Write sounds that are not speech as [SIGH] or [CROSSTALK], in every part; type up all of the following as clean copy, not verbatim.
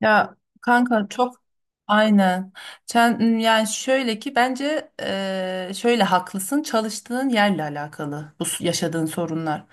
Ya kanka çok aynen. Sen, yani şöyle ki bence şöyle haklısın çalıştığın yerle alakalı yaşadığın sorunlar.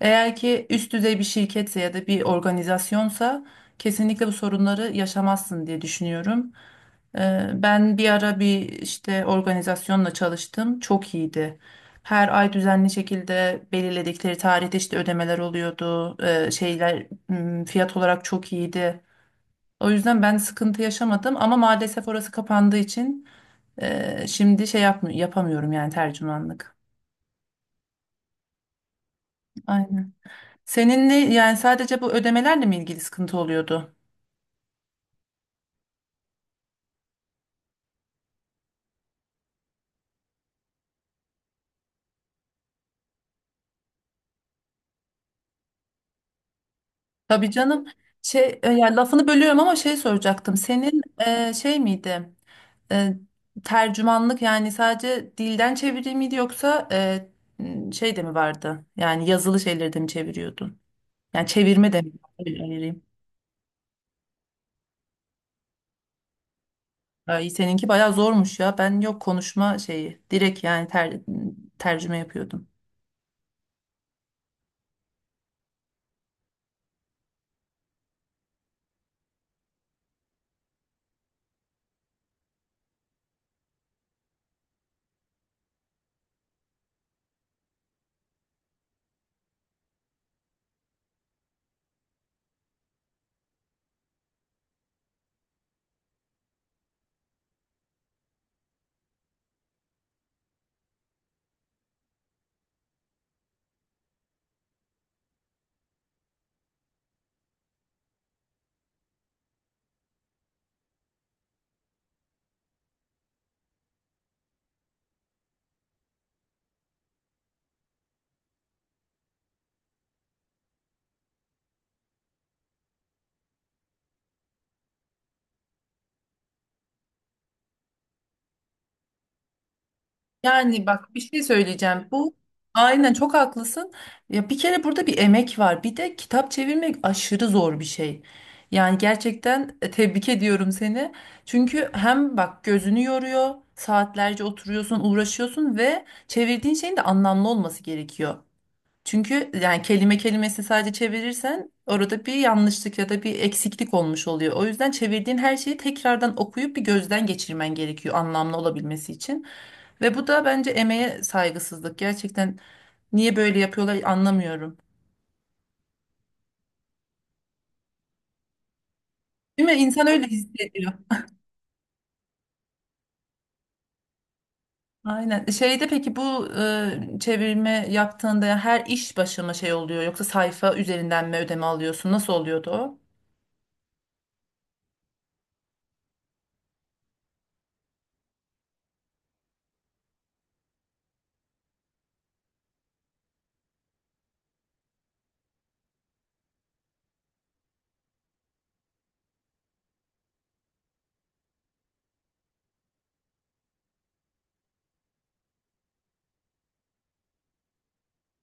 Eğer ki üst düzey bir şirketse ya da bir organizasyonsa kesinlikle bu sorunları yaşamazsın diye düşünüyorum. Ben bir ara bir işte organizasyonla çalıştım. Çok iyiydi. Her ay düzenli şekilde belirledikleri tarihte işte ödemeler oluyordu. Şeyler fiyat olarak çok iyiydi. O yüzden ben sıkıntı yaşamadım ama maalesef orası kapandığı için şimdi şey yapmı yapamıyorum yani tercümanlık. Aynen. Seninle yani sadece bu ödemelerle mi ilgili sıkıntı oluyordu? Tabii canım. Şey yani lafını bölüyorum ama şey soracaktım. Senin şey miydi? E, Tercümanlık yani sadece dilden çeviri miydi yoksa şey de mi vardı? Yani yazılı şeyleri de mi çeviriyordun? Yani çevirme de mi? Öyle ayırayım. Ay, seninki bayağı zormuş ya. Ben yok konuşma şeyi. Direkt yani tercüme yapıyordum. Yani bak bir şey söyleyeceğim. Bu aynen çok haklısın. Ya bir kere burada bir emek var. Bir de kitap çevirmek aşırı zor bir şey. Yani gerçekten tebrik ediyorum seni. Çünkü hem bak gözünü yoruyor, saatlerce oturuyorsun, uğraşıyorsun ve çevirdiğin şeyin de anlamlı olması gerekiyor. Çünkü yani kelime kelimesi sadece çevirirsen orada bir yanlışlık ya da bir eksiklik olmuş oluyor. O yüzden çevirdiğin her şeyi tekrardan okuyup bir gözden geçirmen gerekiyor anlamlı olabilmesi için. Ve bu da bence emeğe saygısızlık. Gerçekten niye böyle yapıyorlar anlamıyorum. Değil mi? İnsan öyle hissediyor. Aynen. Şeyde peki bu çevirme yaptığında her iş başı mı şey oluyor yoksa sayfa üzerinden mi ödeme alıyorsun? Nasıl oluyordu o?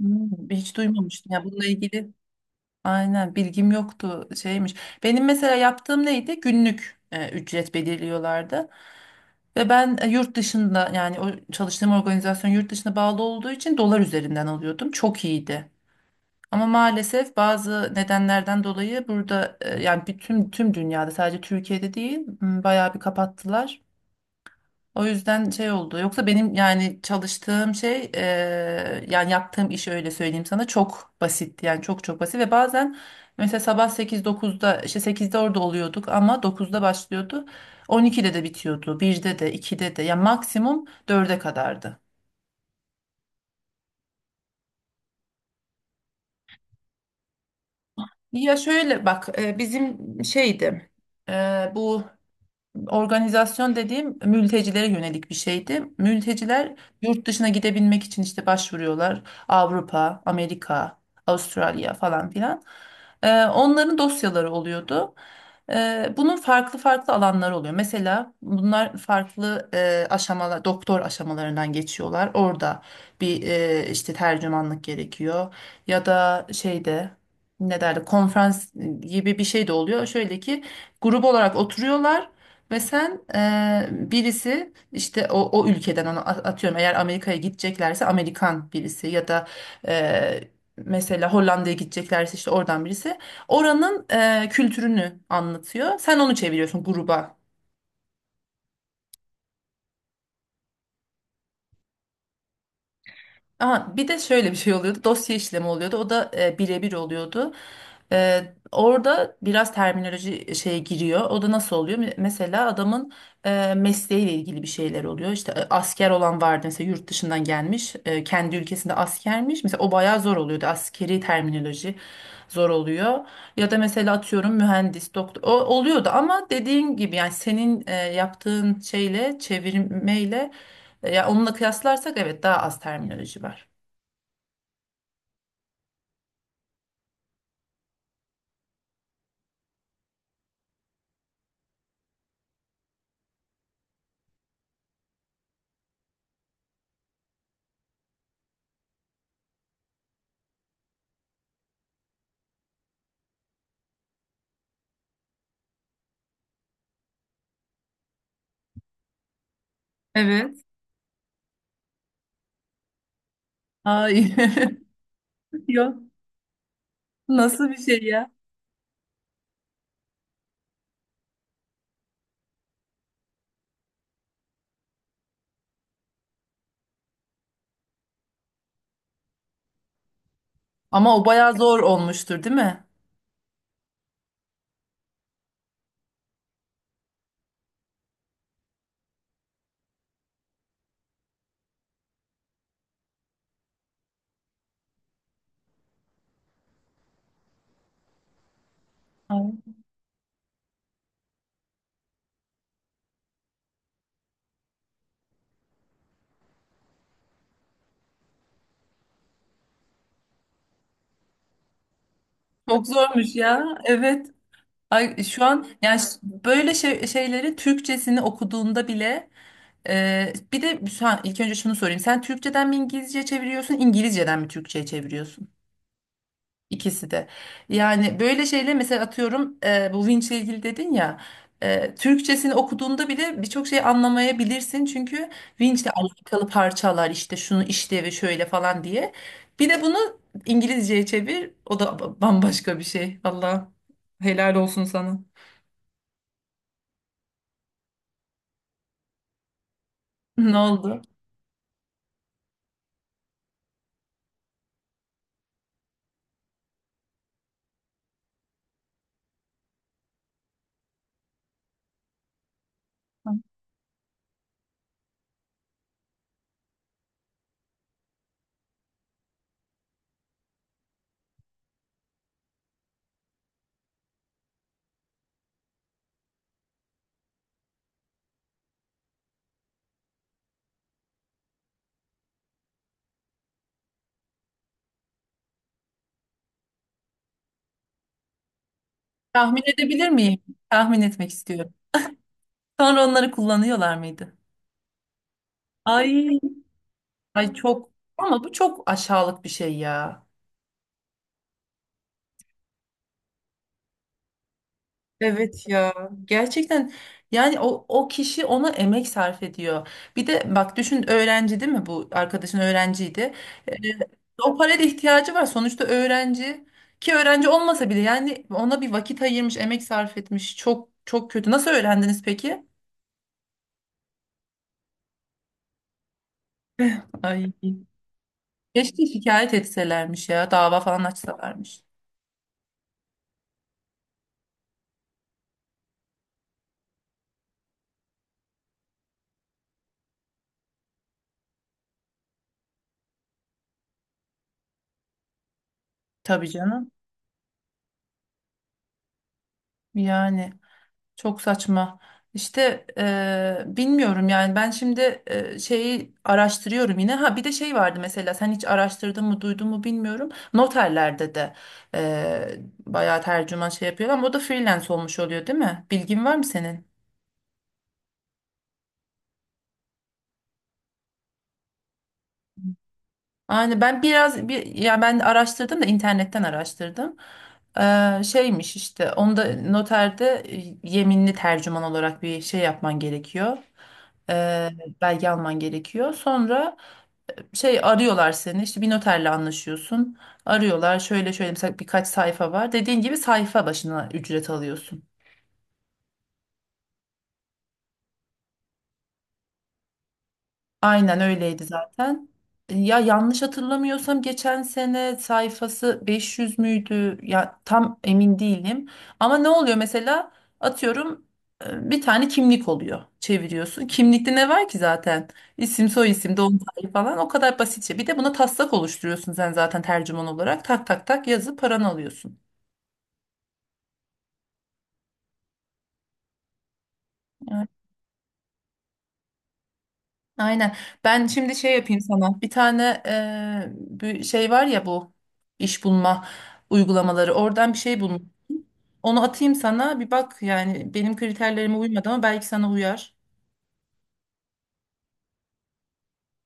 Hmm, hiç duymamıştım ya bununla ilgili. Aynen, bilgim yoktu şeymiş. Benim mesela yaptığım neydi? Günlük ücret belirliyorlardı. Ve ben yurt dışında yani o çalıştığım organizasyon yurt dışına bağlı olduğu için dolar üzerinden alıyordum. Çok iyiydi. Ama maalesef bazı nedenlerden dolayı burada yani tüm dünyada sadece Türkiye'de değil, bayağı bir kapattılar. O yüzden şey oldu. Yoksa benim yani çalıştığım şey yani yaptığım iş, öyle söyleyeyim sana, çok basit. Yani çok çok basit ve bazen mesela sabah dokuzda, işte sekizde orada oluyorduk ama dokuzda başlıyordu. 12'de de bitiyordu. Birde de 2'de de ya maksimum dörde kadardı. Ya şöyle bak, bizim şeydi, bu organizasyon dediğim mültecilere yönelik bir şeydi. Mülteciler yurt dışına gidebilmek için işte başvuruyorlar. Avrupa, Amerika, Avustralya falan filan. Onların dosyaları oluyordu. Bunun farklı farklı alanları oluyor. Mesela bunlar farklı aşamalar, doktor aşamalarından geçiyorlar. Orada bir işte tercümanlık gerekiyor. Ya da şeyde ne derler, konferans gibi bir şey de oluyor. Şöyle ki grup olarak oturuyorlar. Ve sen birisi işte o ülkeden onu, atıyorum eğer Amerika'ya gideceklerse Amerikan birisi ya da eee, mesela Hollanda'ya gideceklerse işte oradan birisi oranın kültürünü anlatıyor. Sen onu çeviriyorsun gruba. Aha, bir de şöyle bir şey oluyordu. Dosya işlemi oluyordu. O da birebir oluyordu. E, Orada biraz terminoloji şeye giriyor. O da nasıl oluyor? Mesela adamın mesleğiyle ilgili bir şeyler oluyor. İşte asker olan vardı mesela yurt dışından gelmiş. Kendi ülkesinde askermiş. Mesela o bayağı zor oluyordu. Askeri terminoloji zor oluyor. Ya da mesela atıyorum mühendis, doktor. O oluyordu ama dediğin gibi yani senin yaptığın şeyle, çevirmeyle ya onunla kıyaslarsak evet, daha az terminoloji var. Evet. Ay, [LAUGHS] yok. Nasıl bir şey ya? Ama o bayağı zor olmuştur, değil mi? Ay, çok zormuş ya. Evet. Ay şu an yani, böyle şeyleri Türkçesini okuduğunda bile bir de şu an ilk önce şunu sorayım. Sen Türkçeden mi İngilizce çeviriyorsun, İngilizceden mi Türkçe'ye çeviriyorsun? İkisi de. Yani böyle şeyle mesela atıyorum bu vinçle ilgili dedin ya, Türkçesini okuduğunda bile birçok şey anlamayabilirsin çünkü vinçle alakalı parçalar işte şunu işlevi şöyle falan diye. Bir de bunu İngilizceye çevir, o da bambaşka bir şey. Allah helal olsun sana. [LAUGHS] Ne oldu? Tahmin edebilir miyim? Tahmin etmek istiyorum. Sonra onları kullanıyorlar mıydı? Ay, ay çok, ama bu çok aşağılık bir şey ya. Evet ya, gerçekten yani o kişi ona emek sarf ediyor. Bir de bak düşün, öğrenci değil mi, bu arkadaşın öğrenciydi. Ee, O paraya da ihtiyacı var sonuçta, öğrenci. Ki öğrenci olmasa bile yani ona bir vakit ayırmış, emek sarf etmiş. Çok çok kötü. Nasıl öğrendiniz peki? Ay keşke şikayet etselermiş ya, dava falan açsalarmış. Tabii canım yani. Çok saçma. İşte bilmiyorum yani ben şimdi şeyi araştırıyorum yine. Ha bir de şey vardı, mesela sen hiç araştırdın mı, duydun mu bilmiyorum. Noterlerde de eee bayağı tercüman şey yapıyorlar ama o da freelance olmuş oluyor değil mi? Bilgin var mı senin? Yani ben biraz ya ben araştırdım da internetten araştırdım. Şeymiş işte, onda noterde yeminli tercüman olarak bir şey yapman gerekiyor. Eee belge alman gerekiyor. Sonra şey arıyorlar seni, işte bir noterle anlaşıyorsun, arıyorlar şöyle şöyle, mesela birkaç sayfa var, dediğin gibi sayfa başına ücret alıyorsun. Aynen öyleydi zaten. Ya yanlış hatırlamıyorsam geçen sene sayfası 500 müydü ya, tam emin değilim ama ne oluyor mesela, atıyorum bir tane kimlik oluyor, çeviriyorsun. Kimlikte ne var ki zaten, isim soy isim doğum tarihi falan, o kadar basitçe. Bir de buna taslak oluşturuyorsun sen zaten tercüman olarak, tak tak tak yazıp paranı alıyorsun. Aynen. Ben şimdi şey yapayım sana. Bir tane bir şey var ya bu iş bulma uygulamaları. Oradan bir şey bulun. Onu atayım sana. Bir bak yani, benim kriterlerime uymadı ama belki sana uyar.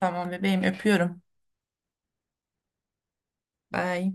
Tamam bebeğim, öpüyorum. Bye.